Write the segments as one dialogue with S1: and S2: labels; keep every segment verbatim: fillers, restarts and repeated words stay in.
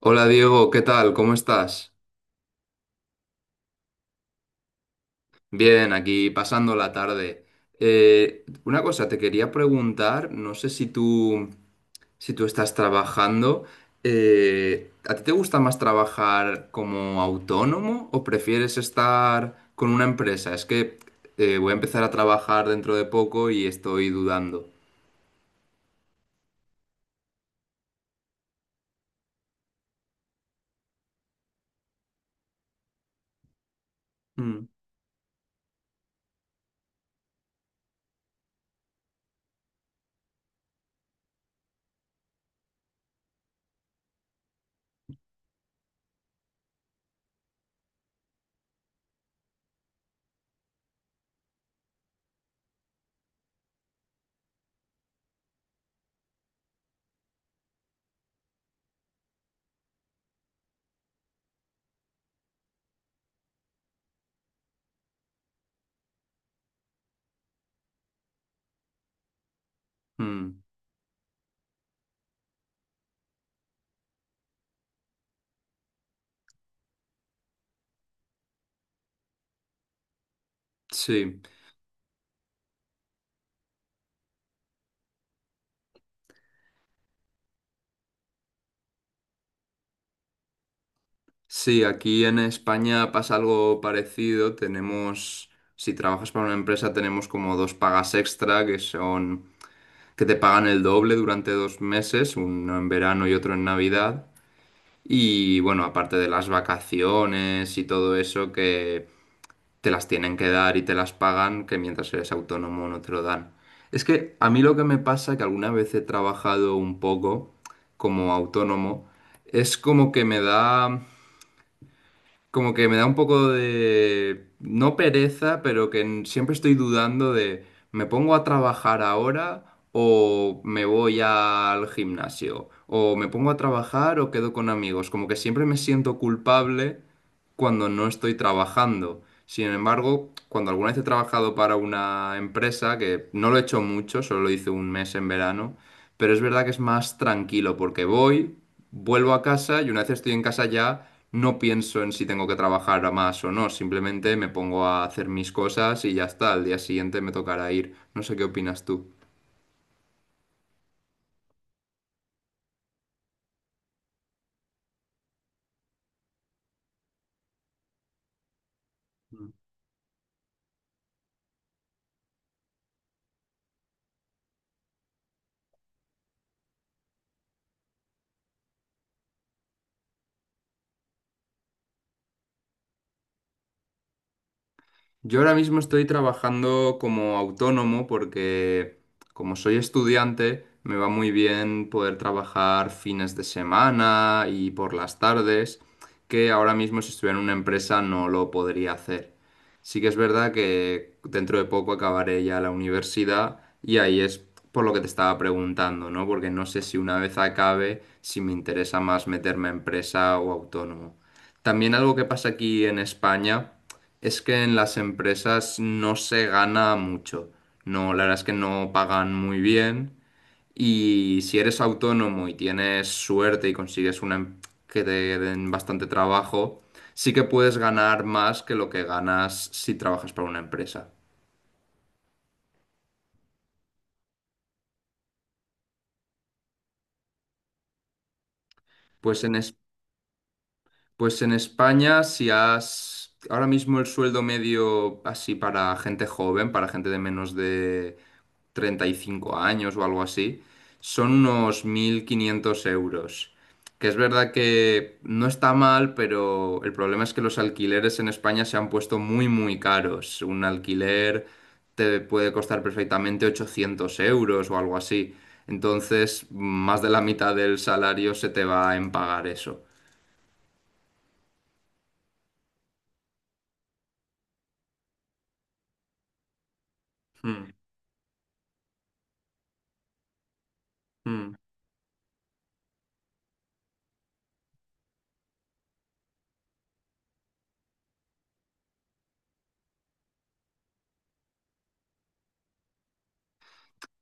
S1: Hola Diego, ¿qué tal? ¿Cómo estás? Bien, aquí pasando la tarde. Eh, una cosa, te quería preguntar, no sé si tú, si tú estás trabajando, eh, ¿a ti te gusta más trabajar como autónomo o prefieres estar con una empresa? Es que eh, voy a empezar a trabajar dentro de poco y estoy dudando. Mm. Mm. Sí. Sí, aquí en España pasa algo parecido. Tenemos, si trabajas para una empresa, tenemos como dos pagas extra que son que te pagan el doble durante dos meses, uno en verano y otro en Navidad. Y bueno, aparte de las vacaciones y todo eso que te las tienen que dar y te las pagan, que mientras eres autónomo no te lo dan. Es que a mí lo que me pasa, que alguna vez he trabajado un poco como autónomo, es como que me da como que me da un poco de, no pereza, pero que en- siempre estoy dudando de, ¿me pongo a trabajar ahora o me voy al gimnasio? ¿O me pongo a trabajar o quedo con amigos? Como que siempre me siento culpable cuando no estoy trabajando. Sin embargo, cuando alguna vez he trabajado para una empresa, que no lo he hecho mucho, solo lo hice un mes en verano, pero es verdad que es más tranquilo porque voy, vuelvo a casa y una vez estoy en casa ya no pienso en si tengo que trabajar más o no, simplemente me pongo a hacer mis cosas y ya está, al día siguiente me tocará ir. No sé qué opinas tú. Yo ahora mismo estoy trabajando como autónomo porque como soy estudiante me va muy bien poder trabajar fines de semana y por las tardes, que ahora mismo si estuviera en una empresa no lo podría hacer. Sí que es verdad que dentro de poco acabaré ya la universidad y ahí es por lo que te estaba preguntando, ¿no? Porque no sé si una vez acabe si me interesa más meterme a empresa o autónomo. También algo que pasa aquí en España. Es que en las empresas no se gana mucho. No, la verdad es que no pagan muy bien. Y si eres autónomo y tienes suerte y consigues una em- que te den bastante trabajo, sí que puedes ganar más que lo que ganas si trabajas para una empresa. Pues en Es- Pues en España, si has... Ahora mismo el sueldo medio así para gente joven, para gente de menos de treinta y cinco años o algo así, son unos mil quinientos euros. Que es verdad que no está mal, pero el problema es que los alquileres en España se han puesto muy, muy caros. Un alquiler te puede costar perfectamente ochocientos euros o algo así. Entonces, más de la mitad del salario se te va en pagar eso. Mm. Mm.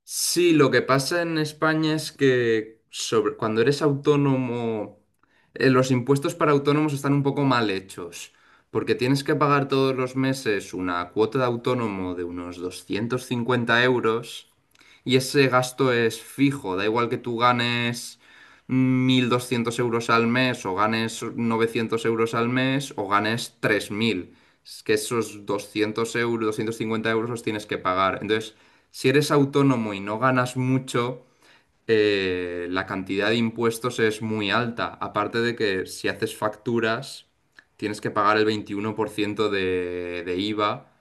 S1: Sí, lo que pasa en España es que sobre, cuando eres autónomo, eh, los impuestos para autónomos están un poco mal hechos, porque tienes que pagar todos los meses una cuota de autónomo de unos doscientos cincuenta euros y ese gasto es fijo, da igual que tú ganes mil doscientos euros al mes o ganes novecientos euros al mes o ganes tres mil. Es que esos doscientos euros, doscientos cincuenta euros los tienes que pagar. Entonces... Si eres autónomo y no ganas mucho, eh, la cantidad de impuestos es muy alta. Aparte de que si haces facturas, tienes que pagar el veintiuno por ciento de, de iva,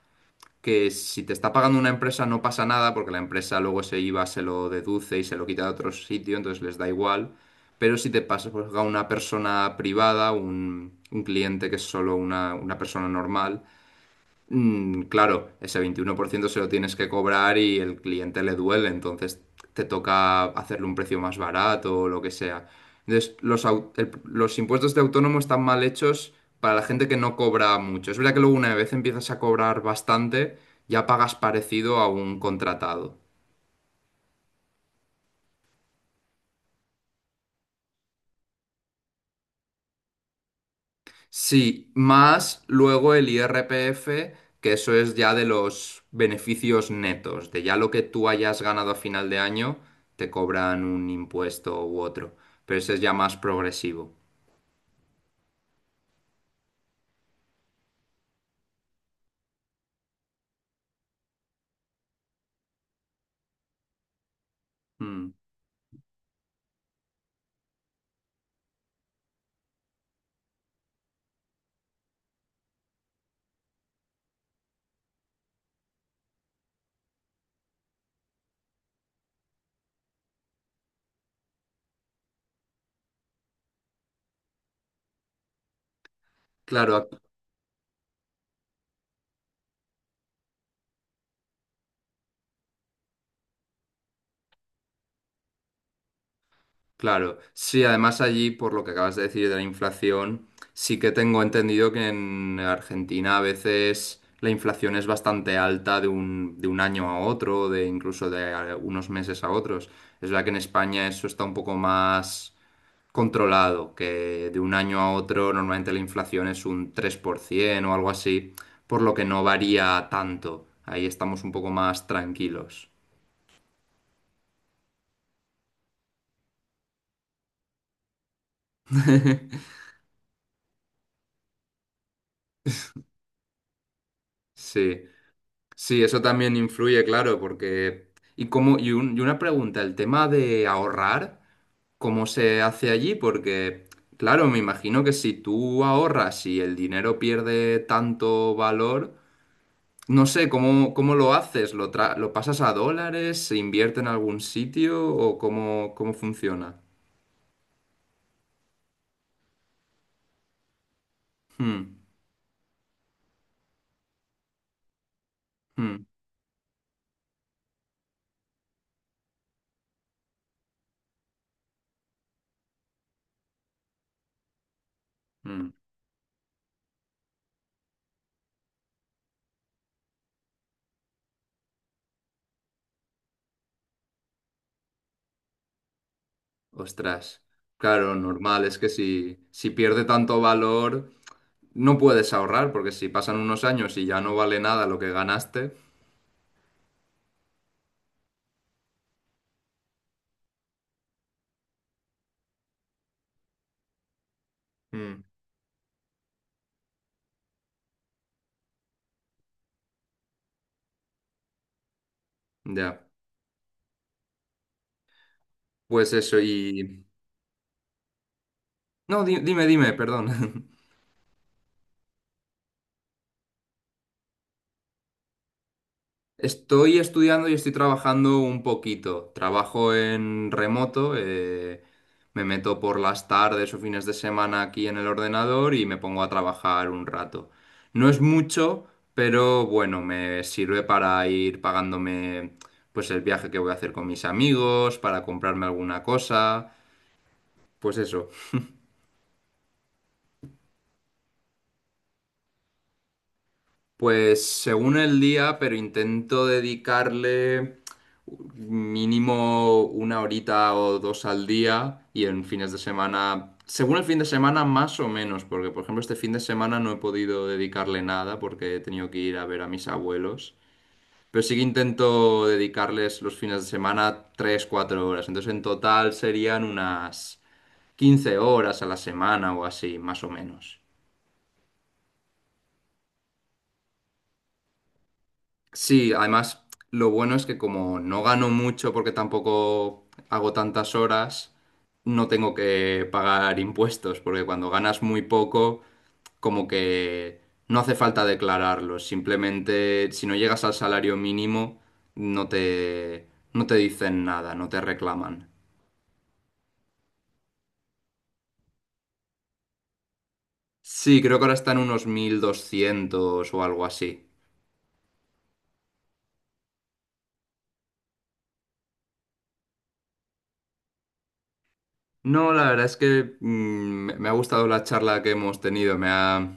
S1: que si te está pagando una empresa no pasa nada, porque la empresa luego ese iva se lo deduce y se lo quita de otro sitio, entonces les da igual. Pero si te pasa pues, a una persona privada, un, un cliente que es solo una, una persona normal. Mm, claro, ese veintiuno por ciento se lo tienes que cobrar y el cliente le duele, entonces te toca hacerle un precio más barato o lo que sea. Entonces, los, au- el- los impuestos de autónomo están mal hechos para la gente que no cobra mucho. Es verdad que luego una vez empiezas a cobrar bastante, ya pagas parecido a un contratado. Sí, más luego el I R P F, que eso es ya de los beneficios netos, de ya lo que tú hayas ganado a final de año, te cobran un impuesto u otro, pero ese es ya más progresivo. Mm. Claro. Claro, sí, además allí, por lo que acabas de decir de la inflación, sí que tengo entendido que en Argentina a veces la inflación es bastante alta de un, de un año a otro, de incluso de a- unos meses a otros. Es verdad que en España eso está un poco más controlado, que de un año a otro normalmente la inflación es un tres por ciento o algo así, por lo que no varía tanto. Ahí estamos un poco más tranquilos. Sí. Sí, eso también influye, claro, porque... Y, cómo, y, un- y una pregunta, el tema de ahorrar, ¿cómo se hace allí? Porque, claro, me imagino que si tú ahorras y el dinero pierde tanto valor, no sé, ¿cómo, cómo lo haces? ¿Lo, tra- lo pasas a dólares? ¿Se invierte en algún sitio? ¿O cómo, cómo funciona? Hmm. Hmm. Hmm. Ostras. Claro, normal, es que si, si pierde tanto valor... No puedes ahorrar porque si pasan unos años y ya no vale nada lo que ganaste. Mm. Ya, pues eso y... No, di- dime, dime, perdón. Estoy estudiando y estoy trabajando un poquito. Trabajo en remoto, eh, me meto por las tardes o fines de semana aquí en el ordenador y me pongo a trabajar un rato. No es mucho, pero bueno, me sirve para ir pagándome pues el viaje que voy a hacer con mis amigos, para comprarme alguna cosa. Pues eso. Pues según el día, pero intento dedicarle mínimo una horita o dos al día y en fines de semana, según el fin de semana más o menos, porque por ejemplo este fin de semana no he podido dedicarle nada porque he tenido que ir a ver a mis abuelos, pero sí que intento dedicarles los fines de semana tres, cuatro horas, entonces en total serían unas quince horas a la semana o así, más o menos. Sí, además lo bueno es que como no gano mucho porque tampoco hago tantas horas, no tengo que pagar impuestos, porque cuando ganas muy poco, como que no hace falta declararlo, simplemente si no llegas al salario mínimo, no te, no te dicen nada, no te reclaman. Sí, creo que ahora están unos mil doscientos o algo así. No, la verdad es que mm, me me ha gustado la charla que hemos tenido, me ha,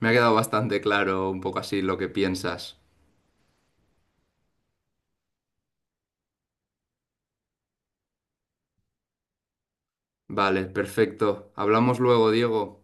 S1: me ha quedado bastante claro un poco así lo que piensas. Vale, perfecto. Hablamos luego, Diego.